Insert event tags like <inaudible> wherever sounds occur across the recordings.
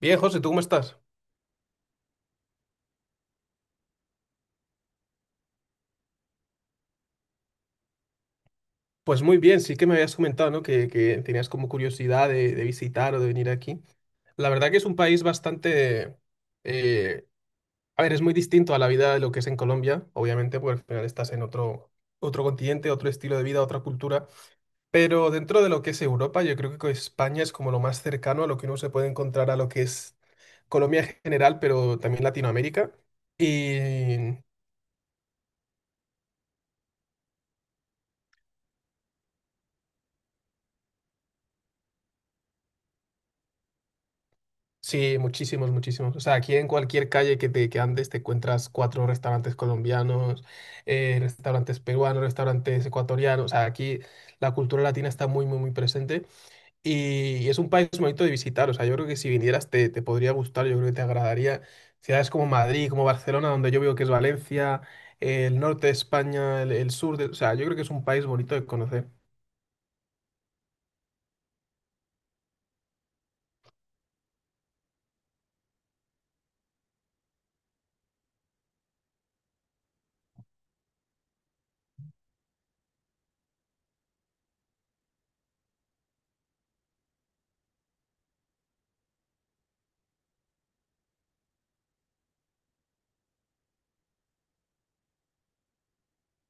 Bien, José, ¿tú cómo estás? Pues muy bien, sí que me habías comentado, ¿no? Que tenías como curiosidad de visitar o de venir aquí. La verdad que es un país bastante... eh, a ver, es muy distinto a la vida de lo que es en Colombia, obviamente, porque al final estás en otro continente, otro estilo de vida, otra cultura. Pero dentro de lo que es Europa, yo creo que España es como lo más cercano a lo que uno se puede encontrar a lo que es Colombia en general, pero también Latinoamérica. Y Sí, muchísimos, muchísimos. O sea, aquí en cualquier calle que andes te encuentras cuatro restaurantes colombianos, restaurantes peruanos, restaurantes ecuatorianos. O sea, aquí la cultura latina está muy, muy, muy presente y es un país bonito de visitar. O sea, yo creo que si vinieras te podría gustar, yo creo que te agradaría. Ciudades como Madrid, como Barcelona, donde yo veo que es Valencia, el norte de España, el sur de... O sea, yo creo que es un país bonito de conocer.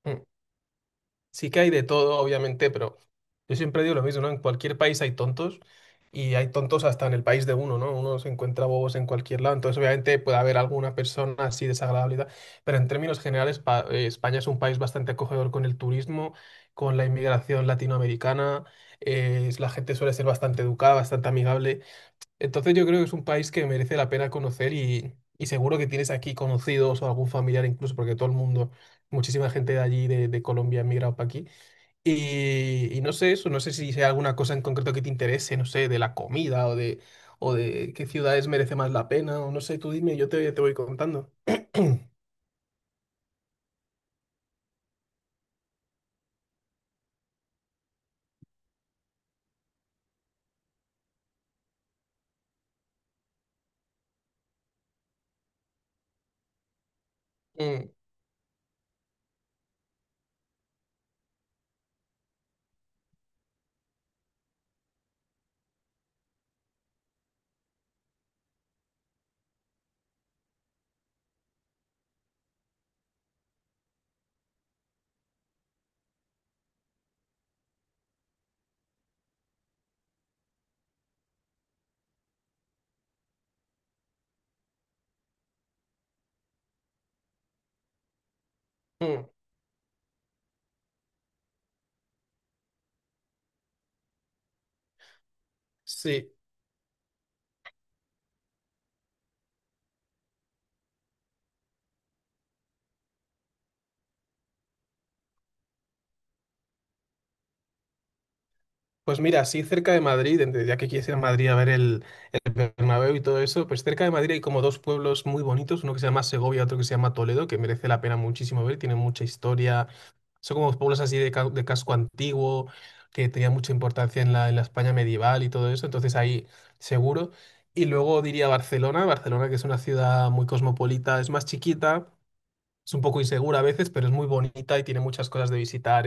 Mm. Sí que hay de todo, obviamente, pero yo siempre digo lo mismo, ¿no? En cualquier país hay tontos y hay tontos hasta en el país de uno, ¿no? Uno se encuentra bobos en cualquier lado, entonces obviamente puede haber alguna persona así desagradable, y tal, pero en términos generales España es un país bastante acogedor con el turismo, con la inmigración latinoamericana, la gente suele ser bastante educada, bastante amigable, entonces yo creo que es un país que merece la pena conocer y seguro que tienes aquí conocidos o algún familiar incluso, porque todo el mundo... Muchísima gente de allí, de Colombia, ha migrado para aquí. Y no sé eso, no sé si hay alguna cosa en concreto que te interese, no sé, de la comida o de qué ciudades merece más la pena, o no sé, tú dime, yo te voy contando. Mm, mm, sí. Pues mira, así cerca de Madrid, ya que quieres ir a Madrid a ver el Bernabéu y todo eso, pues cerca de Madrid hay como dos pueblos muy bonitos, uno que se llama Segovia, otro que se llama Toledo, que merece la pena muchísimo ver, tienen mucha historia, son como pueblos así de, de casco antiguo, que tenían mucha importancia en la España medieval y todo eso, entonces ahí seguro. Y luego diría Barcelona, Barcelona que es una ciudad muy cosmopolita, es más chiquita, es un poco insegura a veces, pero es muy bonita y tiene muchas cosas de visitar,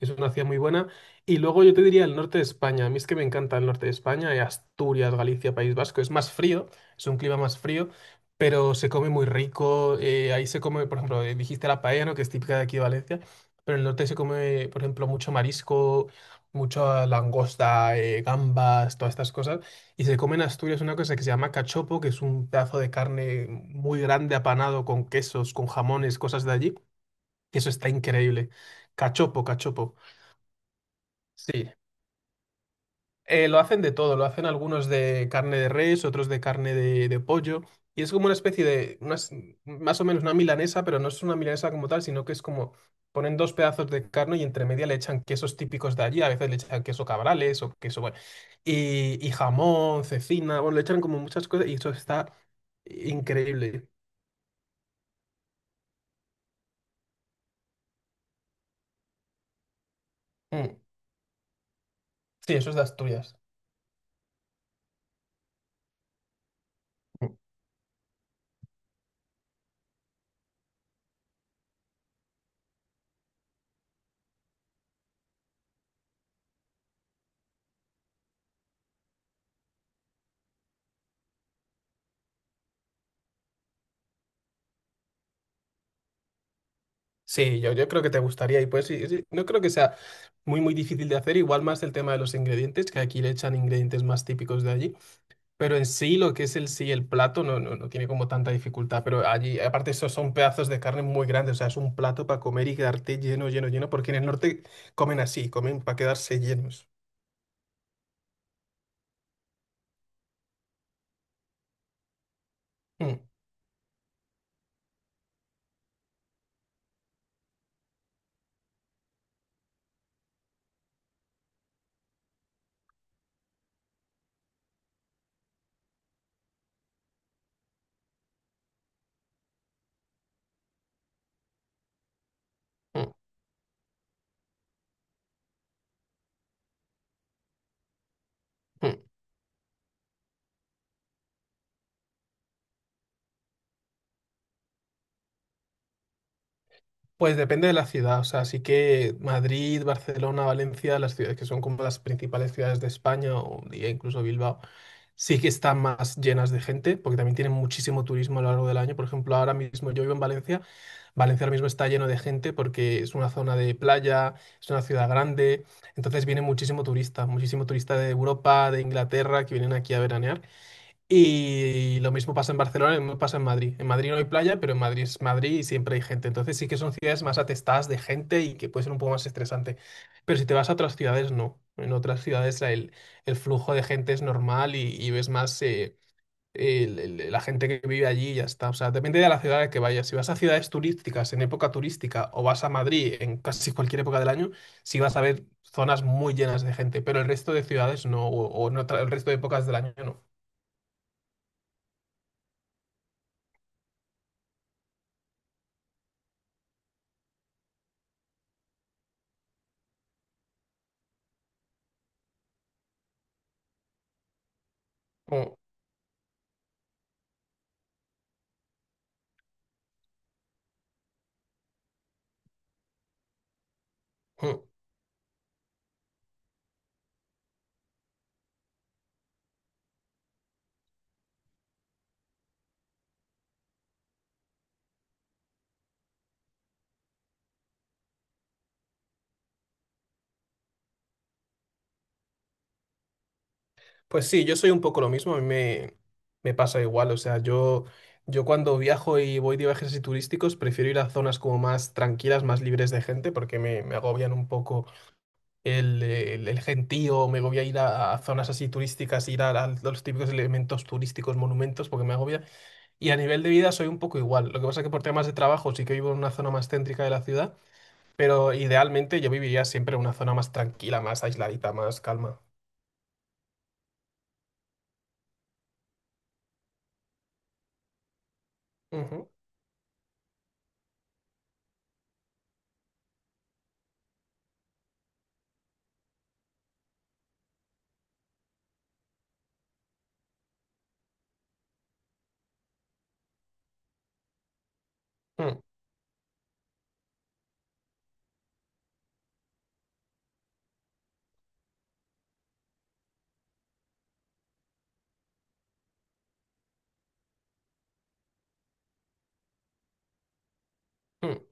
es una ciudad muy buena. Y luego yo te diría el norte de España. A mí es que me encanta el norte de España, Asturias, Galicia, País Vasco. Es más frío, es un clima más frío, pero se come muy rico. Ahí se come, por ejemplo, dijiste la paella, ¿no? Que es típica de aquí de Valencia. Pero en el norte se come, por ejemplo, mucho marisco, mucha langosta, gambas, todas estas cosas. Y se come en Asturias una cosa que se llama cachopo, que es un pedazo de carne muy grande apanado con quesos, con jamones, cosas de allí. Eso está increíble. Cachopo, cachopo. Sí, lo hacen de todo, lo hacen algunos de carne de res, otros de carne de pollo, y es como una especie de, más o menos una milanesa, pero no es una milanesa como tal, sino que es como ponen dos pedazos de carne y entre media le echan quesos típicos de allí, a veces le echan queso cabrales o queso, bueno, y jamón, cecina, bueno, le echan como muchas cosas y eso está increíble. Mm. Sí, eso es de Asturias. Sí, yo creo que te gustaría y pues sí, sí, no creo que sea muy difícil de hacer, igual más el tema de los ingredientes, que aquí le echan ingredientes más típicos de allí, pero en sí lo que es el sí el plato no, no, no tiene como tanta dificultad, pero allí aparte esos son pedazos de carne muy grandes, o sea, es un plato para comer y quedarte lleno, lleno, lleno, porque en el norte comen así, comen para quedarse llenos. Mm, mm, mm. Pues depende de la ciudad, o sea, sí que Madrid, Barcelona, Valencia, las ciudades que son como las principales ciudades de España o diría incluso Bilbao, sí que están más llenas de gente, porque también tienen muchísimo turismo a lo largo del año. Por ejemplo, ahora mismo yo vivo en Valencia, Valencia ahora mismo está lleno de gente porque es una zona de playa, es una ciudad grande, entonces viene muchísimo turista de Europa, de Inglaterra, que vienen aquí a veranear. Y lo mismo pasa en Barcelona, lo mismo pasa en Madrid. En Madrid no hay playa, pero en Madrid es Madrid y siempre hay gente. Entonces sí que son ciudades más atestadas de gente y que puede ser un poco más estresante. Pero si te vas a otras ciudades, no. En otras ciudades el flujo de gente es normal y ves más la gente que vive allí y ya está. O sea, depende de la ciudad a la que vayas. Si vas a ciudades turísticas en época turística o vas a Madrid en casi cualquier época del año, sí vas a ver zonas muy llenas de gente. Pero el resto de ciudades no, o en el resto de épocas del año no. Mm, mm. Pues sí, yo soy un poco lo mismo, me pasa igual, o sea, yo cuando viajo y voy de viajes así turísticos prefiero ir a zonas como más tranquilas, más libres de gente, porque me agobian un poco el gentío, me agobia ir a zonas así turísticas, ir a los típicos elementos turísticos, monumentos, porque me agobia. Y a nivel de vida soy un poco igual, lo que pasa que por temas de trabajo sí que vivo en una zona más céntrica de la ciudad, pero idealmente yo viviría siempre en una zona más tranquila, más aisladita, más calma. Ujú, mm, mm.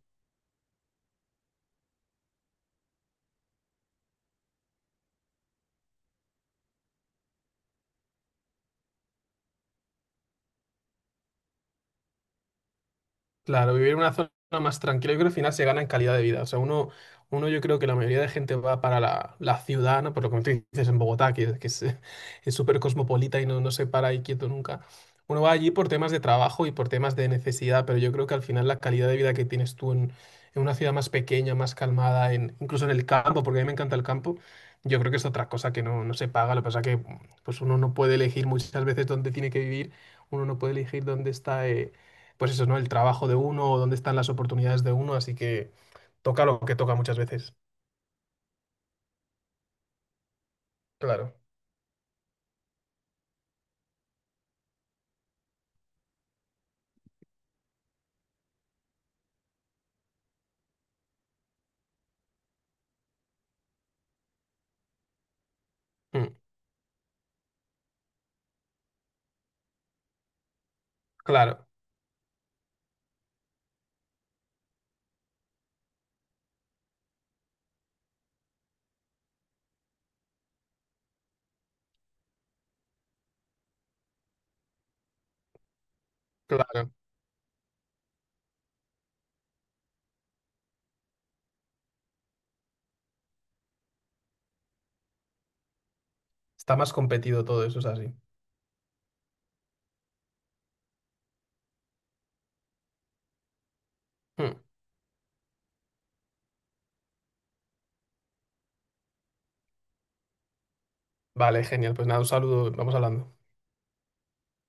Claro, vivir en una zona más tranquila, yo creo que al final se gana en calidad de vida. O sea, uno yo creo que la mayoría de gente va para la ciudad, ¿no? Por lo que tú dices en Bogotá, que es <laughs> es súper cosmopolita y no, no se para ahí quieto nunca. Uno va allí por temas de trabajo y por temas de necesidad, pero yo creo que al final la calidad de vida que tienes tú en una ciudad más pequeña, más calmada, incluso en el campo, porque a mí me encanta el campo, yo creo que es otra cosa que no, no se paga. Lo que pasa que pues uno no puede elegir muchas veces dónde tiene que vivir, uno no puede elegir dónde está. Pues eso, ¿no? El trabajo de uno o dónde están las oportunidades de uno, así que toca lo que toca muchas veces. Claro, mm, claro, claro. Está más competido todo eso, es así. Mm. Vale, genial. Pues nada, un saludo, vamos hablando.